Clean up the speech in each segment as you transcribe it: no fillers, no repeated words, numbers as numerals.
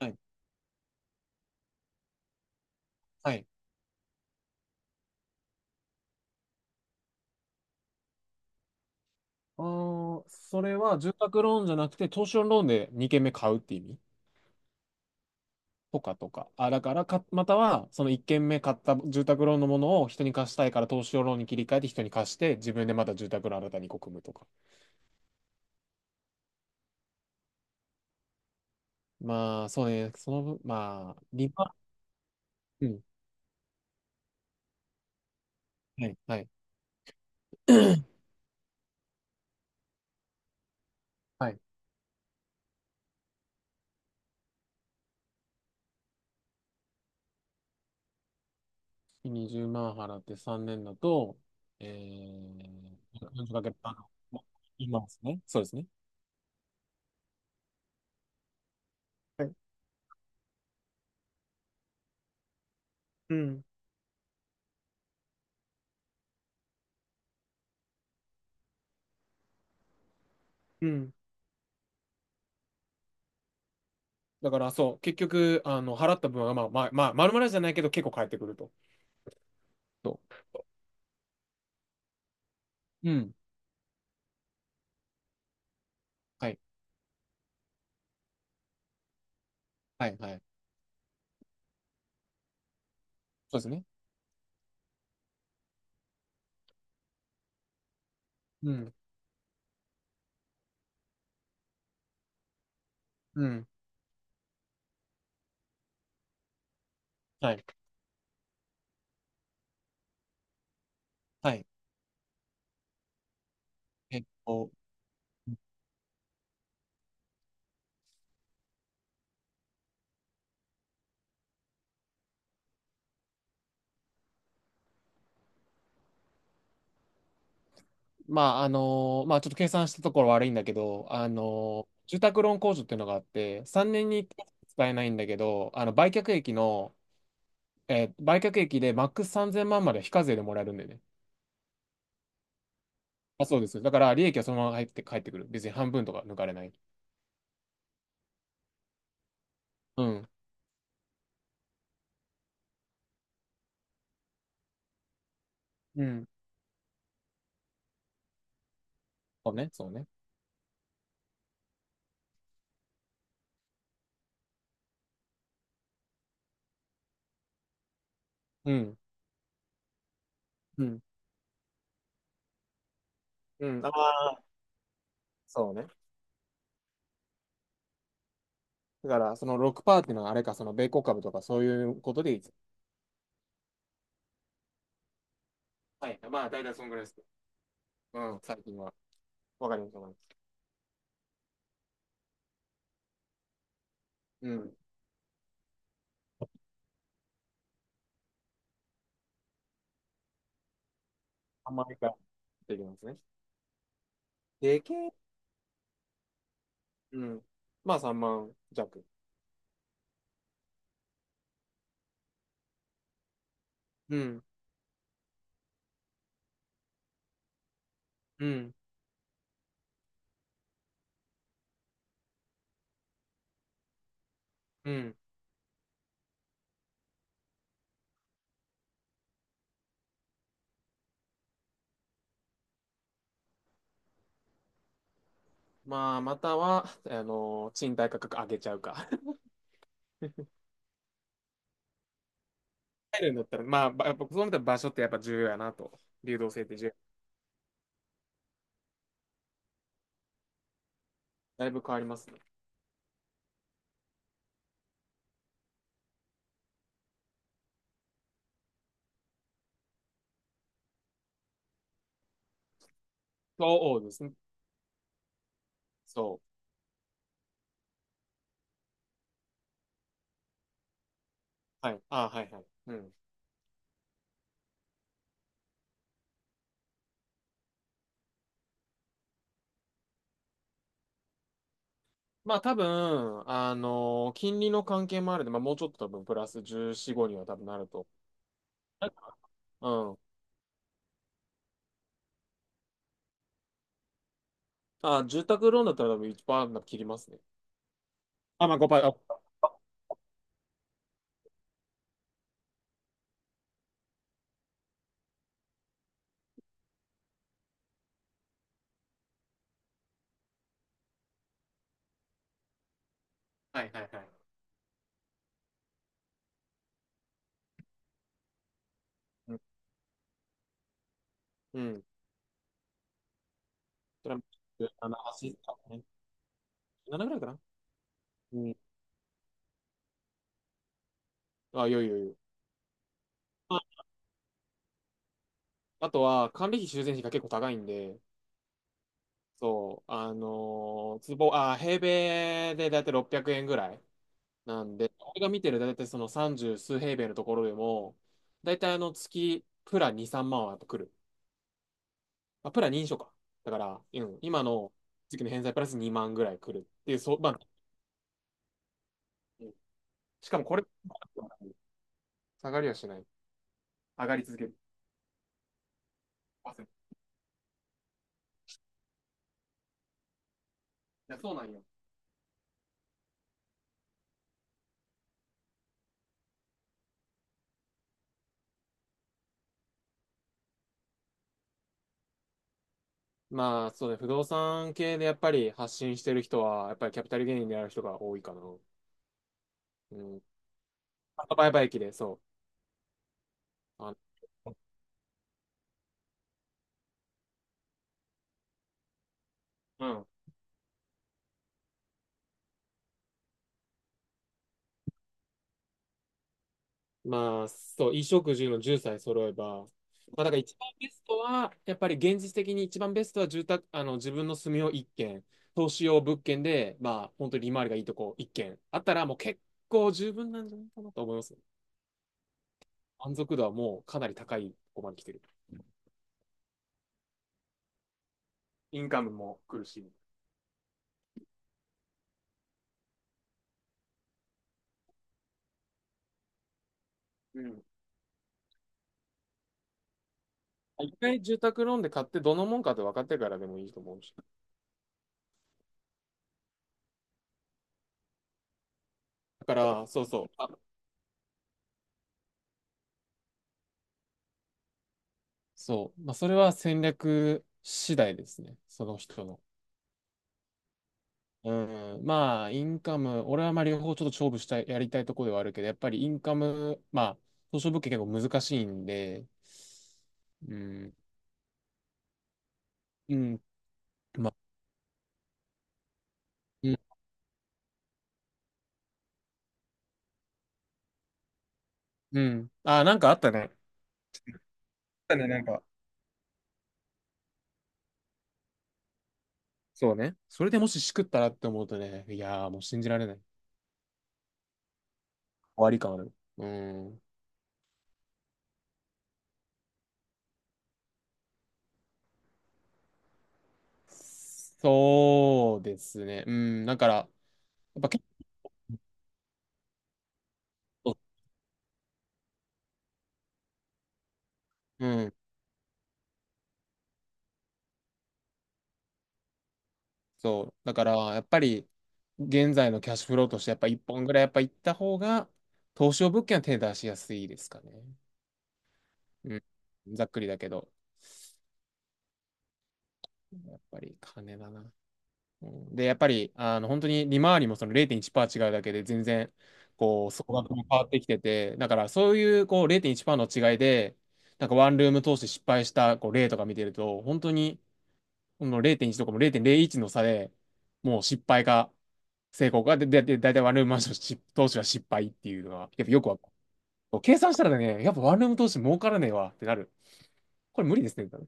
はい。はい。それは住宅ローンじゃなくて、投資用ローンで2軒目買うって意味とかとか。あ、だからか、または、その1軒目買った住宅ローンのものを人に貸したいから投資用ローンに切り替えて人に貸して、自分でまた住宅ローン新たにこう組むとか。まあ、そうね。その分、まあ、利回りうん。はい。はい。はい。20万払って3年だと、え4かける、まあの、今ですね。そうですね。はいうん。うん。だからそう、結局、払った分は、まあ、まあ、まあ、丸々じゃないけど、結構返ってくると。そう。うん。はい。はい、はい。そうですね。うん。うん。はい。はい。えっと、まあ、ちょっと計算したところ悪いんだけど、住宅ローン控除っていうのがあって、3年にいっかい使えないんだけど、売却益でマックス3000万まんまで非課税でもらえるんだよね。あ、そうです。だから、利益はそのまま入って帰ってくる。別に半分とか抜かれない。うん。うん。そうね、そうね。うん。うんうん、ああ、そうね。だから、その6%っていうのはあれか、その米国株とかそういうことでいいです。はい。まあ、大体そのぐらいです。うん、最近は。わかります、わかります。うん。3万円からできますね。でけえ、うん。まあ、3万弱。うん、うん、うん。まあ、または、賃貸価格上げちゃうか。入るんだったら、まあ、やっぱそうなったら場所ってやっぱ重要やなと。流動性って重要。だいぶ変わりますね。そうですね。そう。はい。ああ、はい、はい。うん。まあ多分、金利の関係もあるんで、まあもうちょっと多分プラス14、5には多分なると。うん。あ、住宅ローンだったら多分1%なんか切りますね。あ、まあ5%はいはいはい。うん。うん。それは、7、8、な7ぐらいかな。うん。あ、よいよいよい。あとは、管理費、修繕費が結構高いんで、そう、あのー坪、あ平米でだいたい600円ぐらいなんで、俺が見てるだいたいその30数平米のところでも、だいたい月、プラ2、3万はやっぱ来る。あ、プラ認証か。だから、うん、今の月の返済プラス2万ぐらい来るっていう、そう、まあ、うんしかもこれ、下がりはしない。上がり続ける。いや、そうなんよ。まあ、そうね、不動産系でやっぱり発信してる人は、やっぱりキャピタルゲインである人が多いかな。うんあバイバイ駅で、そう。うんまあ、そう、衣食住の10歳揃えば、まあ、だから一番ベストは、やっぱり現実的に一番ベストは住宅、自分の住みを1軒、投資用物件で、まあ、本当に利回りがいいとこ1軒あったら、もう結構十分なんじゃないかなと思います。満足度はもうかなり高いとこまで来てる。インカムも来るし。うん。一回住宅ローンで買ってどのもんかって分かってからでもいいと思うし。だから、そうそう。あそう。まあ、それは戦略次第ですね。その人の。うん。まあ、インカム、俺はまあ両方ちょっと勝負したい、やりたいところではあるけど、やっぱりインカム、まあ、東証物件結構難しいんで、うん。うん。まあ、うん。うん。あ、なんかあったね。あったね、なんか。そうね。それでもししくったらって思うとね、いやーもう信じられない。終わり感ある。うん。そうですね。うん。だから、やっぱ結構、うん。そう。だから、やっぱり、現在のキャッシュフローとして、やっぱ一本ぐらいやっぱ行った方が、投資用物件は手出しやすいですかね。うん。ざっくりだけど、やっぱり金だな。うん、で、やっぱり、本当に利回りもその0.1%違うだけで、全然、こう、総額も変わってきてて、だからそういう、こう、0.1%の違いで、なんかワンルーム投資失敗したこう例とか見てると、本当に、この0.1とかも0.01の差でもう失敗が成功が、で、だいたいワンルームマンションし投資は失敗っていうのは、やっぱよくわかる。計算したらね、やっぱワンルーム投資儲からねえわってなる。これ無理ですね、多分。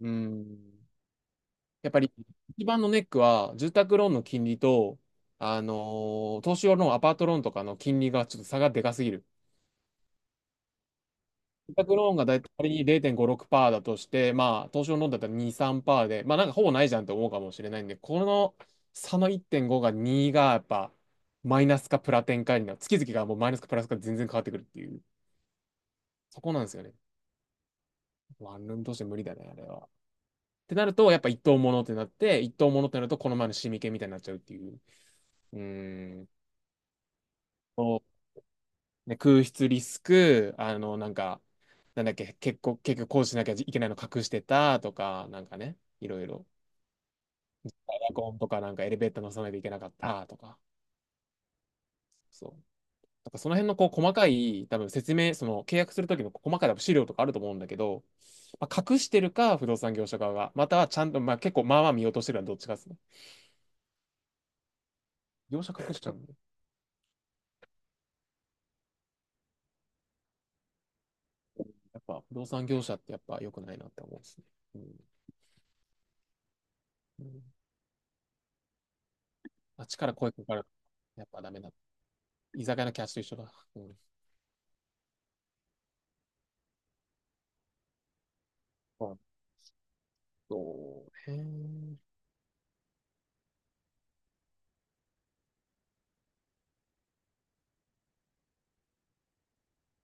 うーん。やっぱり一番のネックは、住宅ローンの金利と、投資用ローンアパートローンとかの金利がちょっと差がでかすぎる。住宅ローンがだいたい仮に0.56%だとして、まあ、投資のローンだったら2、3%で、まあ、なんかほぼないじゃんって思うかもしれないんで、この差の1.5が2がやっぱ、マイナスかプラ転換になる。月々がもうマイナスかプラスか全然変わってくるっていう、そこなんですよね。ワンルームとして無理だね、あれは。ってなると、やっぱ一等物ってなって、一等物ってなると、この前のシミ系みたいになっちゃうっていう。うーん。そうね、空室リスク、なんか、なんだっけ、結構、結局こうしなきゃいけないの隠してたとか、なんかね、いろいろ。エアコンとかなんかエレベーター乗さないといけなかったとか、そう。だからその辺のこう細かい、多分説明、その契約するときの細かい資料とかあると思うんだけど、まあ、隠してるか、不動産業者側が、またはちゃんと、まあ結構まあまあ見落としてるのはどっちかですね。業者隠しちゃうんで、やっぱ不動産業者ってやっぱ良くないなって思うんですね。うん。うんあっちから声かかる。やっぱダメだ。居酒屋のキャッシュと一緒だ。うん。そうね。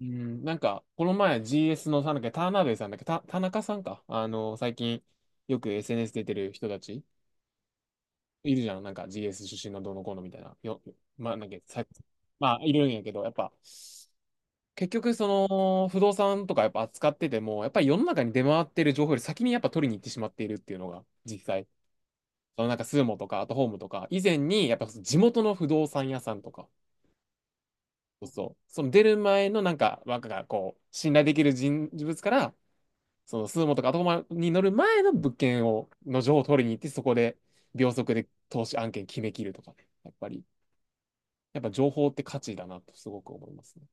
うん、なんか、この前 GS の、なんだっけ、田辺さんだっけ、田中さんか。最近、よく SNS 出てる人たち、いるじゃん。なんか GS 出身のどうのこうのみたいな。まあ、なんだっけ、まあ、いるんやけど、やっぱ、結局、その、不動産とかやっぱ扱ってても、やっぱり世の中に出回ってる情報より先にやっぱ取りに行ってしまっているっていうのが、実際。そのなんか、スーモとか、アットホームとか、以前に、やっぱ地元の不動産屋さんとか、そうそう、その出る前のなんか、若がこう、信頼できる人物から、そのスーモとかアトコマに乗る前の物件を、の情報を取りに行って、そこで秒速で投資案件決めきるとかね。やっぱり、やっぱ情報って価値だなとすごく思いますね。